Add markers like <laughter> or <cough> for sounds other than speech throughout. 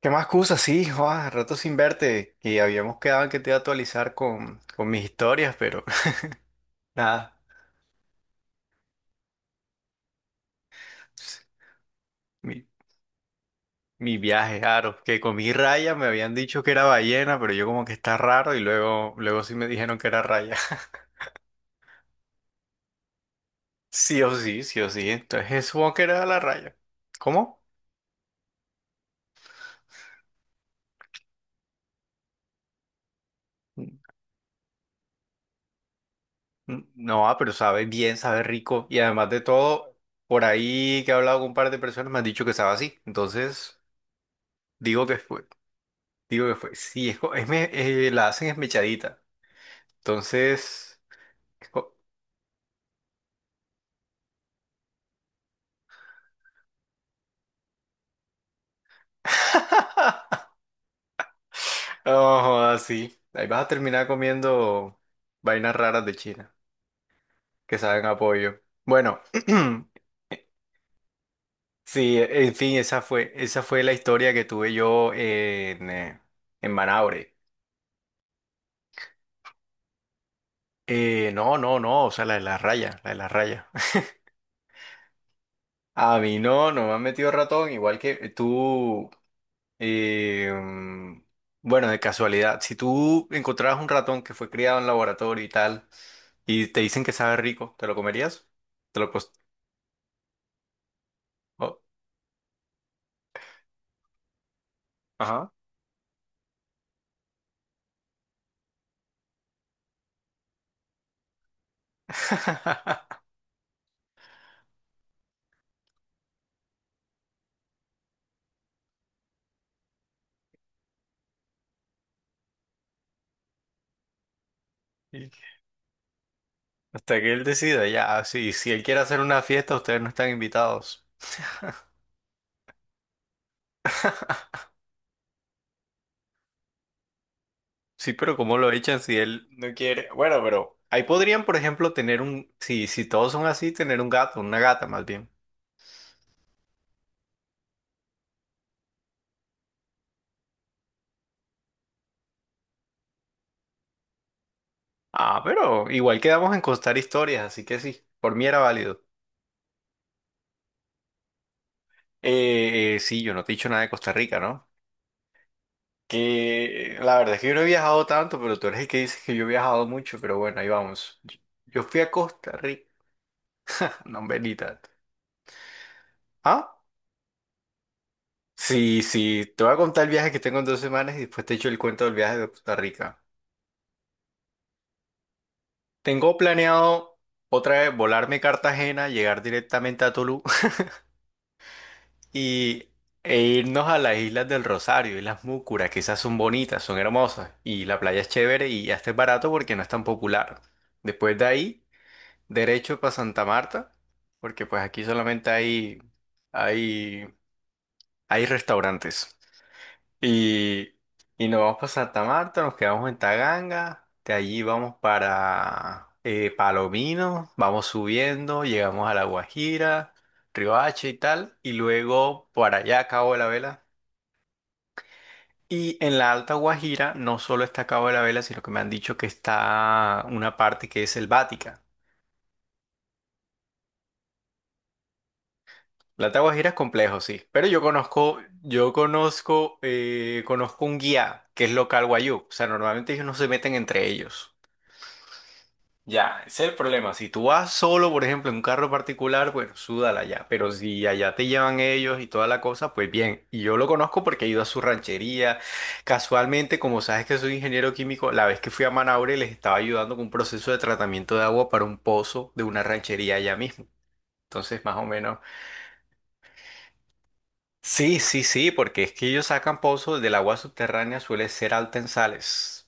¿Qué más cosas? Sí, Juan, rato sin verte. Y habíamos quedado en que te iba a actualizar con mis historias, pero <laughs> nada. Pues, Mi, mi viaje, claro. Que comí raya, me habían dicho que era ballena, pero yo como que está raro y luego, luego sí me dijeron que era raya. <laughs> Sí o sí, sí o sí. Entonces supongo que era la raya. ¿Cómo? No, ah, pero sabe bien, sabe rico. Y además de todo, por ahí que he hablado con un par de personas me han dicho que sabe así. Entonces, digo que fue. Digo que fue. Sí, es, la hacen esmechadita. Entonces. es co- <laughs> Oh, así. Ahí vas a terminar comiendo vainas raras de China que saben a pollo. Bueno, <clears throat> sí, en fin, esa fue la historia que tuve yo en Manaure. No, no, no, o sea, la de la raya, la de la raya. <laughs> A mí no, no me han metido ratón, igual que tú. Eh, mm, bueno, de casualidad, si tú encontraras un ratón que fue criado en laboratorio y tal, y te dicen que sabe rico, ¿te lo comerías? Te lo cos- oh, ajá. <laughs> Y hasta que él decida, ya, ah, sí, si él quiere hacer una fiesta, ustedes no están invitados. Sí, pero ¿cómo lo echan si él no quiere? Bueno, pero ahí podrían, por ejemplo, tener un, si, si todos son así, tener un gato, una gata más bien. Ah, pero igual quedamos en contar historias, así que sí, por mí era válido. Sí, yo no te he dicho nada de Costa Rica, ¿no? Que la verdad es que yo no he viajado tanto, pero tú eres el que dices que yo he viajado mucho, pero bueno, ahí vamos. Yo fui a Costa Rica, <laughs> no, Belita. ¿Ah? Sí, sí, te voy a contar el viaje que tengo en dos semanas y después te echo el cuento del viaje de Costa Rica. Tengo planeado otra vez volarme a Cartagena, llegar directamente a Tolú. Y e irnos a las Islas del Rosario, Islas Múcura, que esas son bonitas, son hermosas. Y la playa es chévere y hasta es barato porque no es tan popular. Después de ahí, derecho para Santa Marta, porque pues aquí solamente hay, hay restaurantes. Y, y nos vamos para Santa Marta, nos quedamos en Taganga, de allí vamos para Palomino, vamos subiendo, llegamos a La Guajira. Riohacha y tal, y luego para allá a Cabo de la Vela. Y en la Alta Guajira no solo está Cabo de la Vela, sino que me han dicho que está una parte que es selvática. La Alta Guajira es complejo, sí, pero yo conozco, conozco un guía que es local guayú. O sea, normalmente ellos no se meten entre ellos. Ya, ese es el problema. Si tú vas solo, por ejemplo, en un carro particular, bueno, súdala ya. Pero si allá te llevan ellos y toda la cosa, pues bien. Y yo lo conozco porque he ido a su ranchería. Casualmente, como sabes que soy ingeniero químico, la vez que fui a Manaure les estaba ayudando con un proceso de tratamiento de agua para un pozo de una ranchería allá mismo. Entonces, más o menos. Sí, sí, sí, porque es que ellos sacan pozos del agua subterránea, suele ser alta en sales.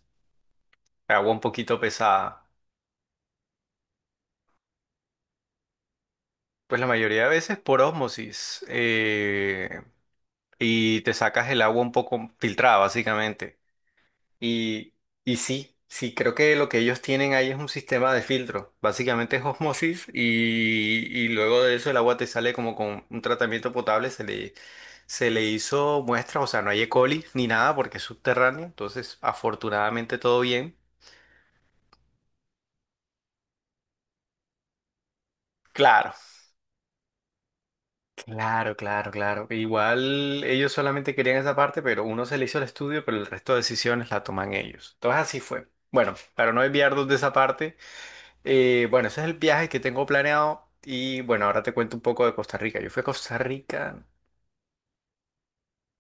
Agua un poquito pesada. Pues la mayoría de veces por ósmosis. Y te sacas el agua un poco filtrada, básicamente. Y, y sí, sí, creo que lo que ellos tienen ahí es un sistema de filtro. Básicamente es osmosis y luego de eso el agua te sale como con un tratamiento potable, se le hizo muestras, o sea, no hay E. coli ni nada porque es subterráneo, entonces afortunadamente todo bien. Claro, claro, claro, claro. Igual ellos solamente querían esa parte, pero uno se le hizo el estudio, pero el resto de decisiones la toman ellos. Entonces así fue. Bueno, para no desviarnos de esa parte, bueno, ese es el viaje que tengo planeado y bueno, ahora te cuento un poco de Costa Rica. Yo fui a Costa Rica,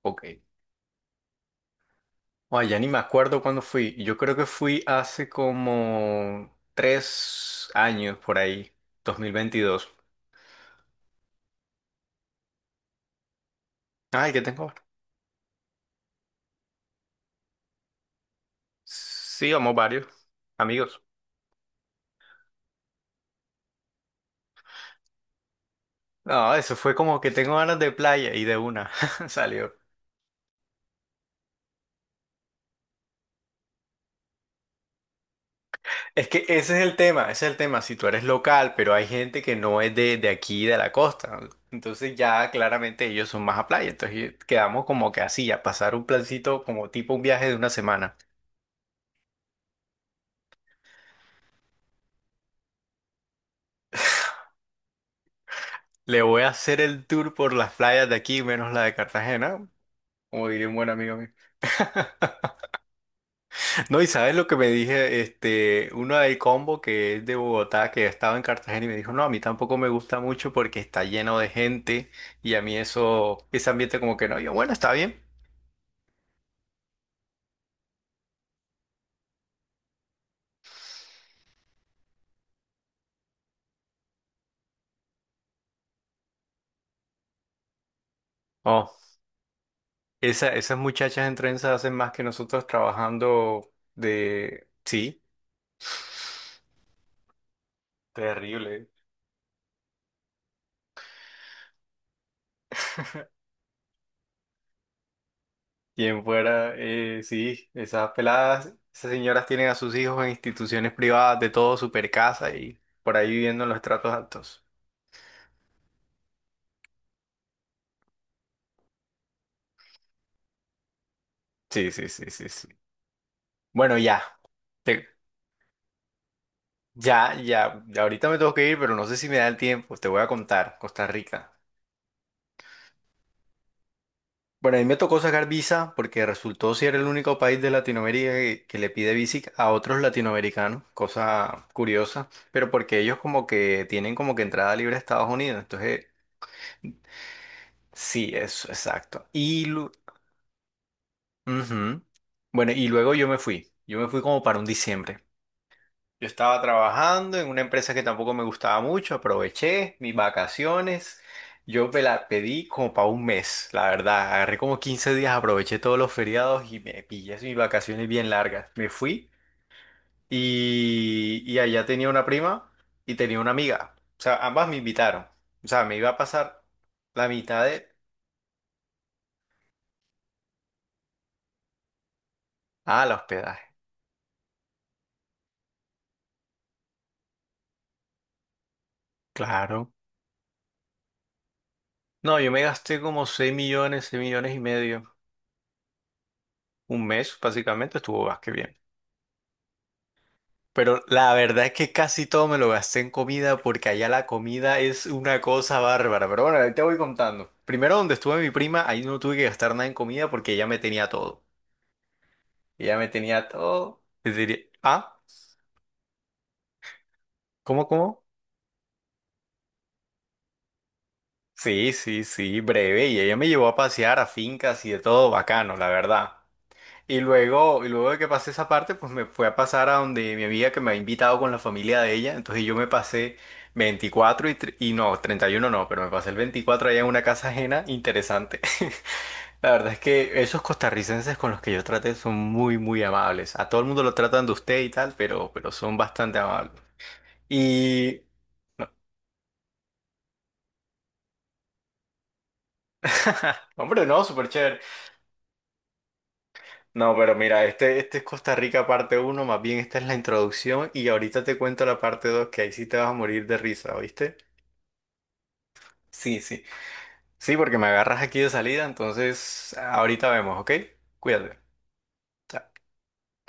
ok. Ay, ya ni me acuerdo cuándo fui. Yo creo que fui hace como tres años por ahí, 2022. Ay, ¿qué tengo ahora? Sí, vamos varios amigos. No, eso fue como que tengo ganas de playa y de una <laughs> salió. Es que ese es el tema, ese es el tema. Si tú eres local, pero hay gente que no es de aquí, de la costa, entonces ya claramente ellos son más a playa. Entonces quedamos como que así, a pasar un plancito como tipo un viaje de una semana. Le voy a hacer el tour por las playas de aquí, menos la de Cartagena, como diría un buen amigo mío. No, y sabes lo que me dije, este, uno del combo que es de Bogotá, que estaba en Cartagena y me dijo, no, a mí tampoco me gusta mucho porque está lleno de gente y a mí eso, ese ambiente como que no. Yo, bueno, está bien. Oh, esa, esas muchachas en trenza hacen más que nosotros trabajando de, sí, terrible. Quien fuera, sí, esas peladas, esas señoras tienen a sus hijos en instituciones privadas de todo, super casa y por ahí viviendo en los estratos altos. Sí, sí, sí, sí, sí. Bueno, ya. Te- ya Ahorita me tengo que ir, pero no sé si me da el tiempo. Te voy a contar. Costa Rica. Bueno, a mí me tocó sacar visa porque resultó ser el único país de Latinoamérica que le pide visa a otros latinoamericanos, cosa curiosa, pero porque ellos como que tienen como que entrada libre a Estados Unidos, entonces sí, eso, exacto. Y, ujú. Bueno, y luego yo me fui como para un diciembre. Yo estaba trabajando en una empresa que tampoco me gustaba mucho, aproveché mis vacaciones, yo me la pedí como para un mes, la verdad, agarré como 15 días, aproveché todos los feriados y me pillé así mis vacaciones bien largas. Me fui y allá tenía una prima y tenía una amiga, o sea, ambas me invitaron, o sea, me iba a pasar la mitad de... Ah, el hospedaje, claro. No, yo me gasté como 6.000.000, 6.500.000, un mes básicamente, estuvo más que bien. Pero la verdad es que casi todo me lo gasté en comida porque allá la comida es una cosa bárbara. Pero bueno, ahí te voy contando. Primero donde estuve mi prima, ahí no tuve que gastar nada en comida porque ella me tenía todo. Ella me tenía todo. Es decir, ah, ¿cómo, cómo? Sí, sí, sí, breve. Y ella me llevó a pasear a fincas y de todo bacano, la verdad. Y luego de que pasé esa parte, pues me fue a pasar a donde mi amiga que me ha invitado con la familia de ella. Entonces yo me pasé 24 y, tr- y no, 31 no, pero me pasé el 24 allá en una casa ajena. Interesante. <laughs> La verdad es que esos costarricenses con los que yo traté son muy, muy amables. A todo el mundo lo tratan de usted y tal, pero son bastante amables. Y... <laughs> Hombre, no, súper chévere. No, pero mira, este es Costa Rica parte uno, más bien esta es la introducción y ahorita te cuento la parte 2 que ahí sí te vas a morir de risa, ¿oíste? Sí, sí. Sí, porque me agarras aquí de salida, entonces ahorita vemos, ¿ok? Cuídate. Chao.